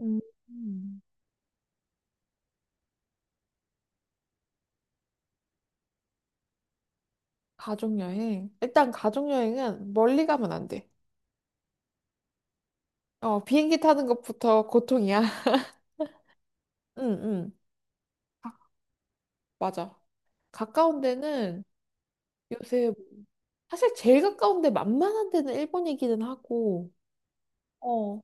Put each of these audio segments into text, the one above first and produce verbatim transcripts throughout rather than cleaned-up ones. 음. 음. 가족여행. 일단 가족여행은 멀리 가면 안 돼. 어, 비행기 타는 것부터 고통이야. 응, 응, 맞아. 가까운 데는 요새, 사실 제일 가까운 데 만만한 데는 일본이기는 하고, 어,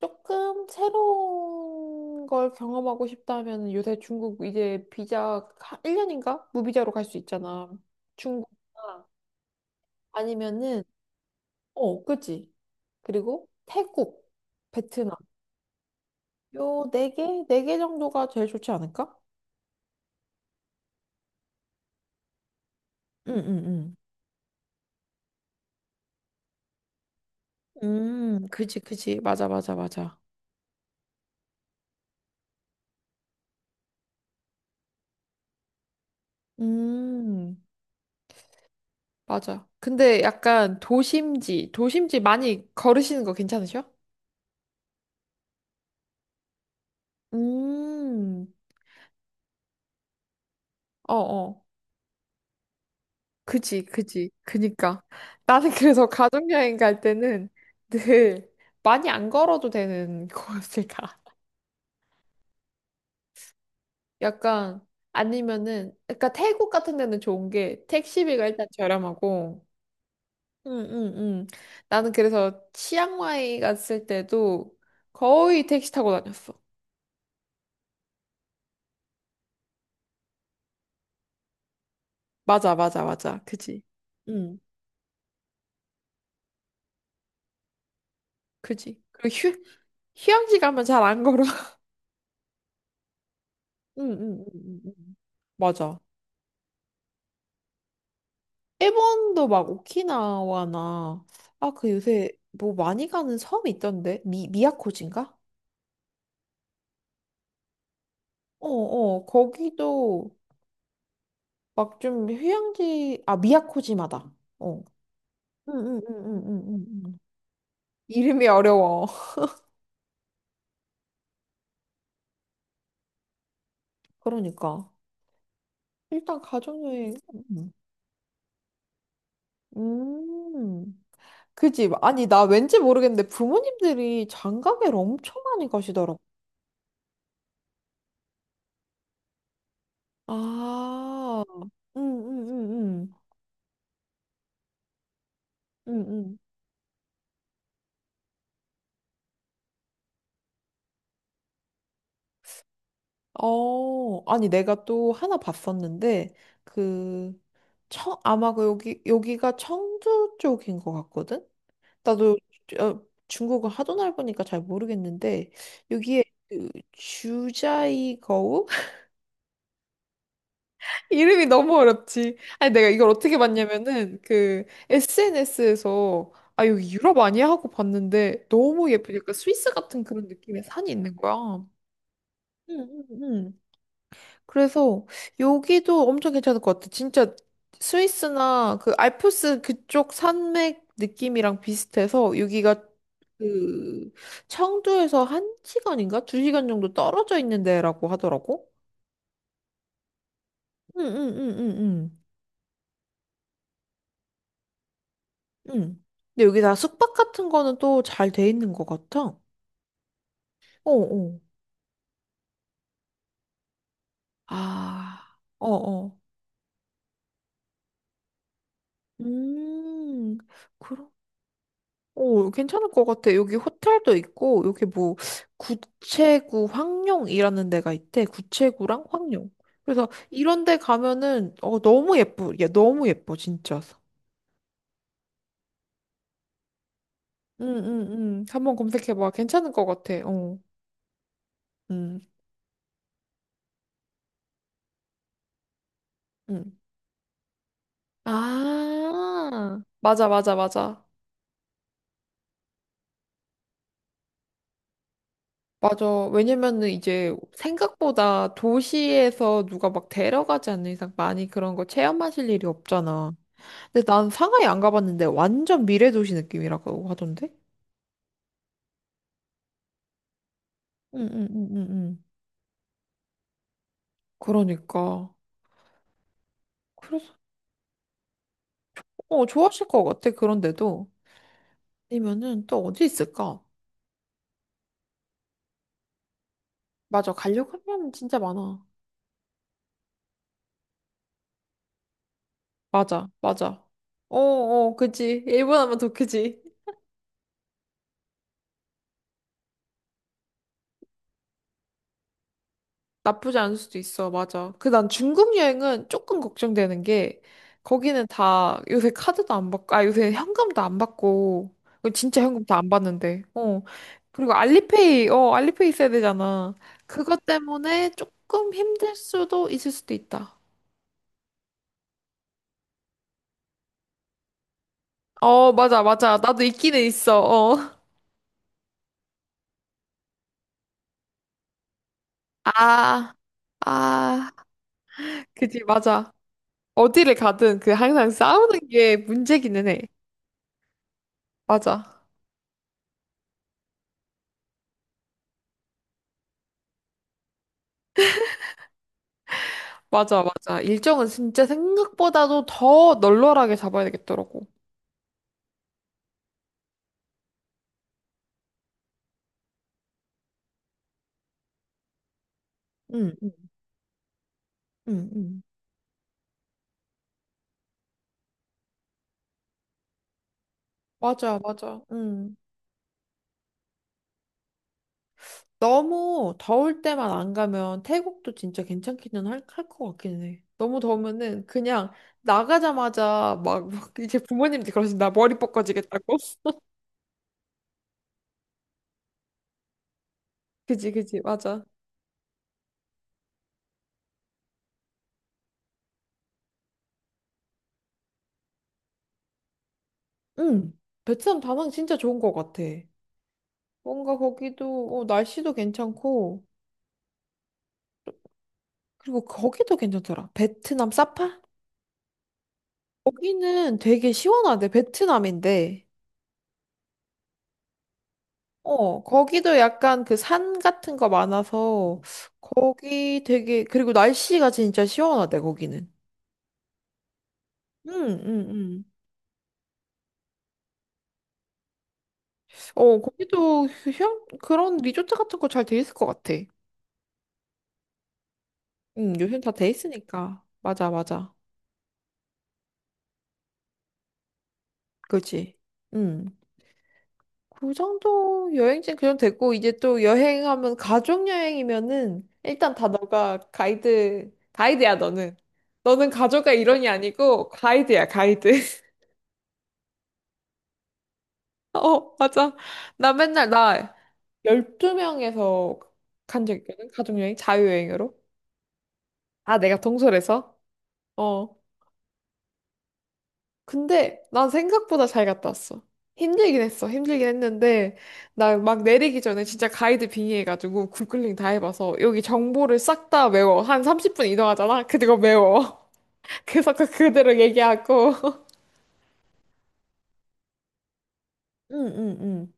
조금 새로운 걸 경험하고 싶다면 요새 중국 이제 비자 일 년인가? 무비자로 갈 수 있잖아. 중국 아니면은, 어, 그치. 그리고 태국, 베트남. 요 네 개? 네 개 정도가 제일 좋지 않을까? 응, 응, 응. 음, 그지, 그지. 맞아, 맞아, 맞아. 음, 맞아. 근데 약간 도심지, 도심지 많이 걸으시는 거 괜찮으셔? 음, 어, 어. 그지, 그지. 그니까. 나는 그래서 가족여행 갈 때는 늘 많이 안 걸어도 되는 곳을 가. 약간, 아니면은, 그러니까 태국 같은 데는 좋은 게 택시비가 일단 저렴하고, 응응응. 나는 그래서 치앙마이 갔을 때도 거의 택시 타고 다녔어. 맞아, 맞아, 맞아. 그지? 응, 그지. 그리고 휴, 휴양지 가면 잘 안 걸어. 응응응응. 응 응, 응. 응. 맞아. 일본도 막 오키나와나 아 그 요새 뭐 많이 가는 섬이 있던데 미 미야코지인가? 어어 거기도 막 좀 휴양지 아 미야코지마다. 어. 응응응응응응. 이름이 어려워. 그러니까. 일단 가족여행. 음. 음. 그지? 아니, 나 왠지 모르겠는데 부모님들이 장가계를 엄청 많이 가시더라고. 아, 음, 음, 음, 음, 음, 음. 어, 아니, 내가 또 하나 봤었는데, 그, 청, 아마 그 여기, 여기가 청주 쪽인 것 같거든? 나도 어, 중국어 하도 넓으니까 잘 모르겠는데, 여기에 그 주자이거우? 이름이 너무 어렵지. 아니, 내가 이걸 어떻게 봤냐면은, 그, 에스엔에스에서, 아, 여기 유럽 아니야? 하고 봤는데, 너무 예쁘니까 스위스 같은 그런 느낌의 산이 있는 거야. 응, 응, 응. 그래서, 여기도 엄청 괜찮을 것 같아. 진짜, 스위스나 그 알프스 그쪽 산맥 느낌이랑 비슷해서, 여기가 그, 청두에서 한 시간인가? 두 시간 정도 떨어져 있는 데라고 하더라고. 응, 응, 응, 응, 응. 근데 여기 다 숙박 같은 거는 또 잘 돼 있는 것 같아. 어, 어. 아, 어, 어. 음, 그럼, 오, 괜찮을 것 같아. 여기 호텔도 있고, 여기 뭐, 구체구 황룡이라는 데가 있대. 구체구랑 황룡. 그래서 이런 데 가면은, 어, 너무 예쁘, 야, 너무 예뻐, 진짜. 응, 응, 응. 한번 검색해봐. 괜찮을 것 같아. 어, 응응 아, 맞아, 맞아, 맞아. 맞아. 왜냐면은 이제 생각보다 도시에서 누가 막 데려가지 않는 이상 많이 그런 거 체험하실 일이 없잖아. 근데 난 상하이 안 가봤는데 완전 미래 도시 느낌이라고 하던데? 응, 응, 응, 응, 응. 그러니까. 그래서, 어, 좋아하실 것 같아. 그런데도. 아니면은 또 어디 있을까? 맞아. 가려고 하면 진짜 많아. 맞아, 맞아. 어, 어, 그치. 일본 하면 더 크지. 나쁘지 않을 수도 있어. 맞아. 그 난 중국 여행은 조금 걱정되는 게 거기는 다 요새 카드도 안 받고 아 요새 현금도 안 받고 이거 진짜 현금 다 안 받는데. 어. 그리고 알리페이 어 알리페이 있어야 되잖아. 그것 때문에 조금 힘들 수도 있을 수도 있다. 어 맞아 맞아. 나도 있기는 있어. 어. 아. 아. 그지 맞아. 어디를 가든 그 항상 싸우는 게 문제기는 해. 맞아. 맞아, 맞아. 일정은 진짜 생각보다도 더 널널하게 잡아야 되겠더라고. 응, 응, 응, 응. 맞아, 맞아. 응 너무 더울 때만 안 가면 태국도 진짜 괜찮기는 할, 할 것 같긴 해. 너무 더우면은 그냥 나가자마자 막, 막 이제 부모님들 그러신다. 머리 벗겨지겠다고 그지, 그지. 맞아. 응 베트남 다낭 진짜 좋은 것 같아. 뭔가 거기도 어, 날씨도 괜찮고 그리고 거기도 괜찮더라. 베트남 사파? 거기는 되게 시원하대, 베트남인데. 어, 거기도 약간 그 산 같은 거 많아서, 거기 되게, 그리고 날씨가 진짜 시원하대, 거기는. 응, 응, 응. 어, 거기도 휴양, 그런 리조트 같은 거 잘 돼 있을 것 같아. 응, 요즘 다 돼 있으니까. 맞아, 맞아. 그지? 응. 그 정도 여행지는 그 정도 됐고 이제 또 여행하면 가족 여행이면은 일단 다 너가 가이드 가이드야 너는 너는 가족과 일원이 아니고 가이드야 가이드 어 맞아 나 맨날 나 열두 명에서 간 적 있거든 가족 여행 자유여행으로 아 내가 동설에서 어 근데 난 생각보다 잘 갔다 왔어. 힘들긴 했어. 힘들긴 했는데 나 막 내리기 전에 진짜 가이드 빙의해가지고 구글링 다 해봐서 여기 정보를 싹 다 외워. 한 삼십 분 이동하잖아. 그리고 외워. 그래서 그 그대로 얘기하고. 응, 응, 응.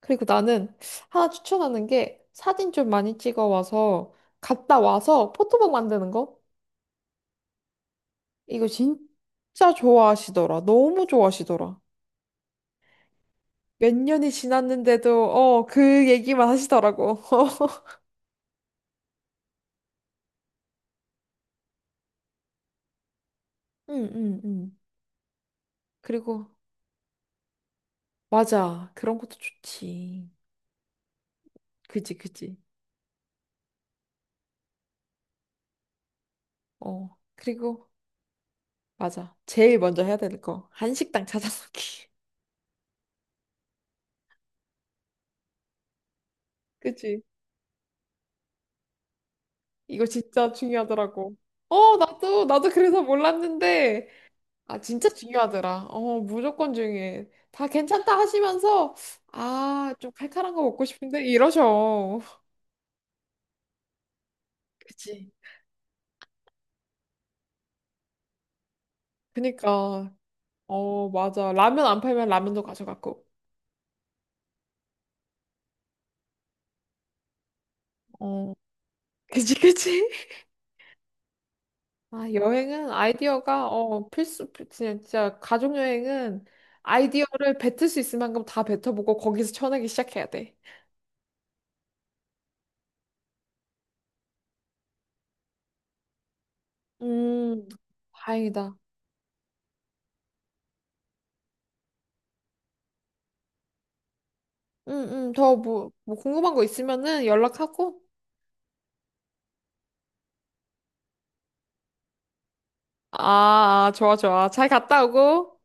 그리고 나는 하나 추천하는 게 사진 좀 많이 찍어 와서 갔다 와서 포토북 만드는 거? 이거 진짜 좋아하시더라. 너무 좋아하시더라. 몇 년이 지났는데도 어, 그 얘기만 하시더라고. 응, 응, 응. 그리고, 맞아. 그런 것도 좋지. 그지, 그지. 어. 그리고, 맞아. 제일 먼저 해야 될 거. 한식당 찾아보기. 그지? 이거 진짜 중요하더라고. 어, 나도, 나도 그래서 몰랐는데, 아, 진짜 중요하더라. 어, 무조건 중요해. 다 괜찮다 하시면서, 아, 좀 칼칼한 거 먹고 싶은데? 이러셔. 그치. 그니까, 어, 맞아. 라면 안 팔면 라면도 가져갔고. 어, 그치, 그치. 아, 여행은 아이디어가 어 필수 필- 진짜, 진짜 가족 여행은 아이디어를 뱉을 수 있을 만큼 다 뱉어보고 거기서 쳐내기 시작해야 돼. 음, 다행이다. 음, 음, 더 뭐, 뭐 궁금한 거 있으면은 연락하고. 아, 아, 좋아, 좋아. 잘 갔다 오고.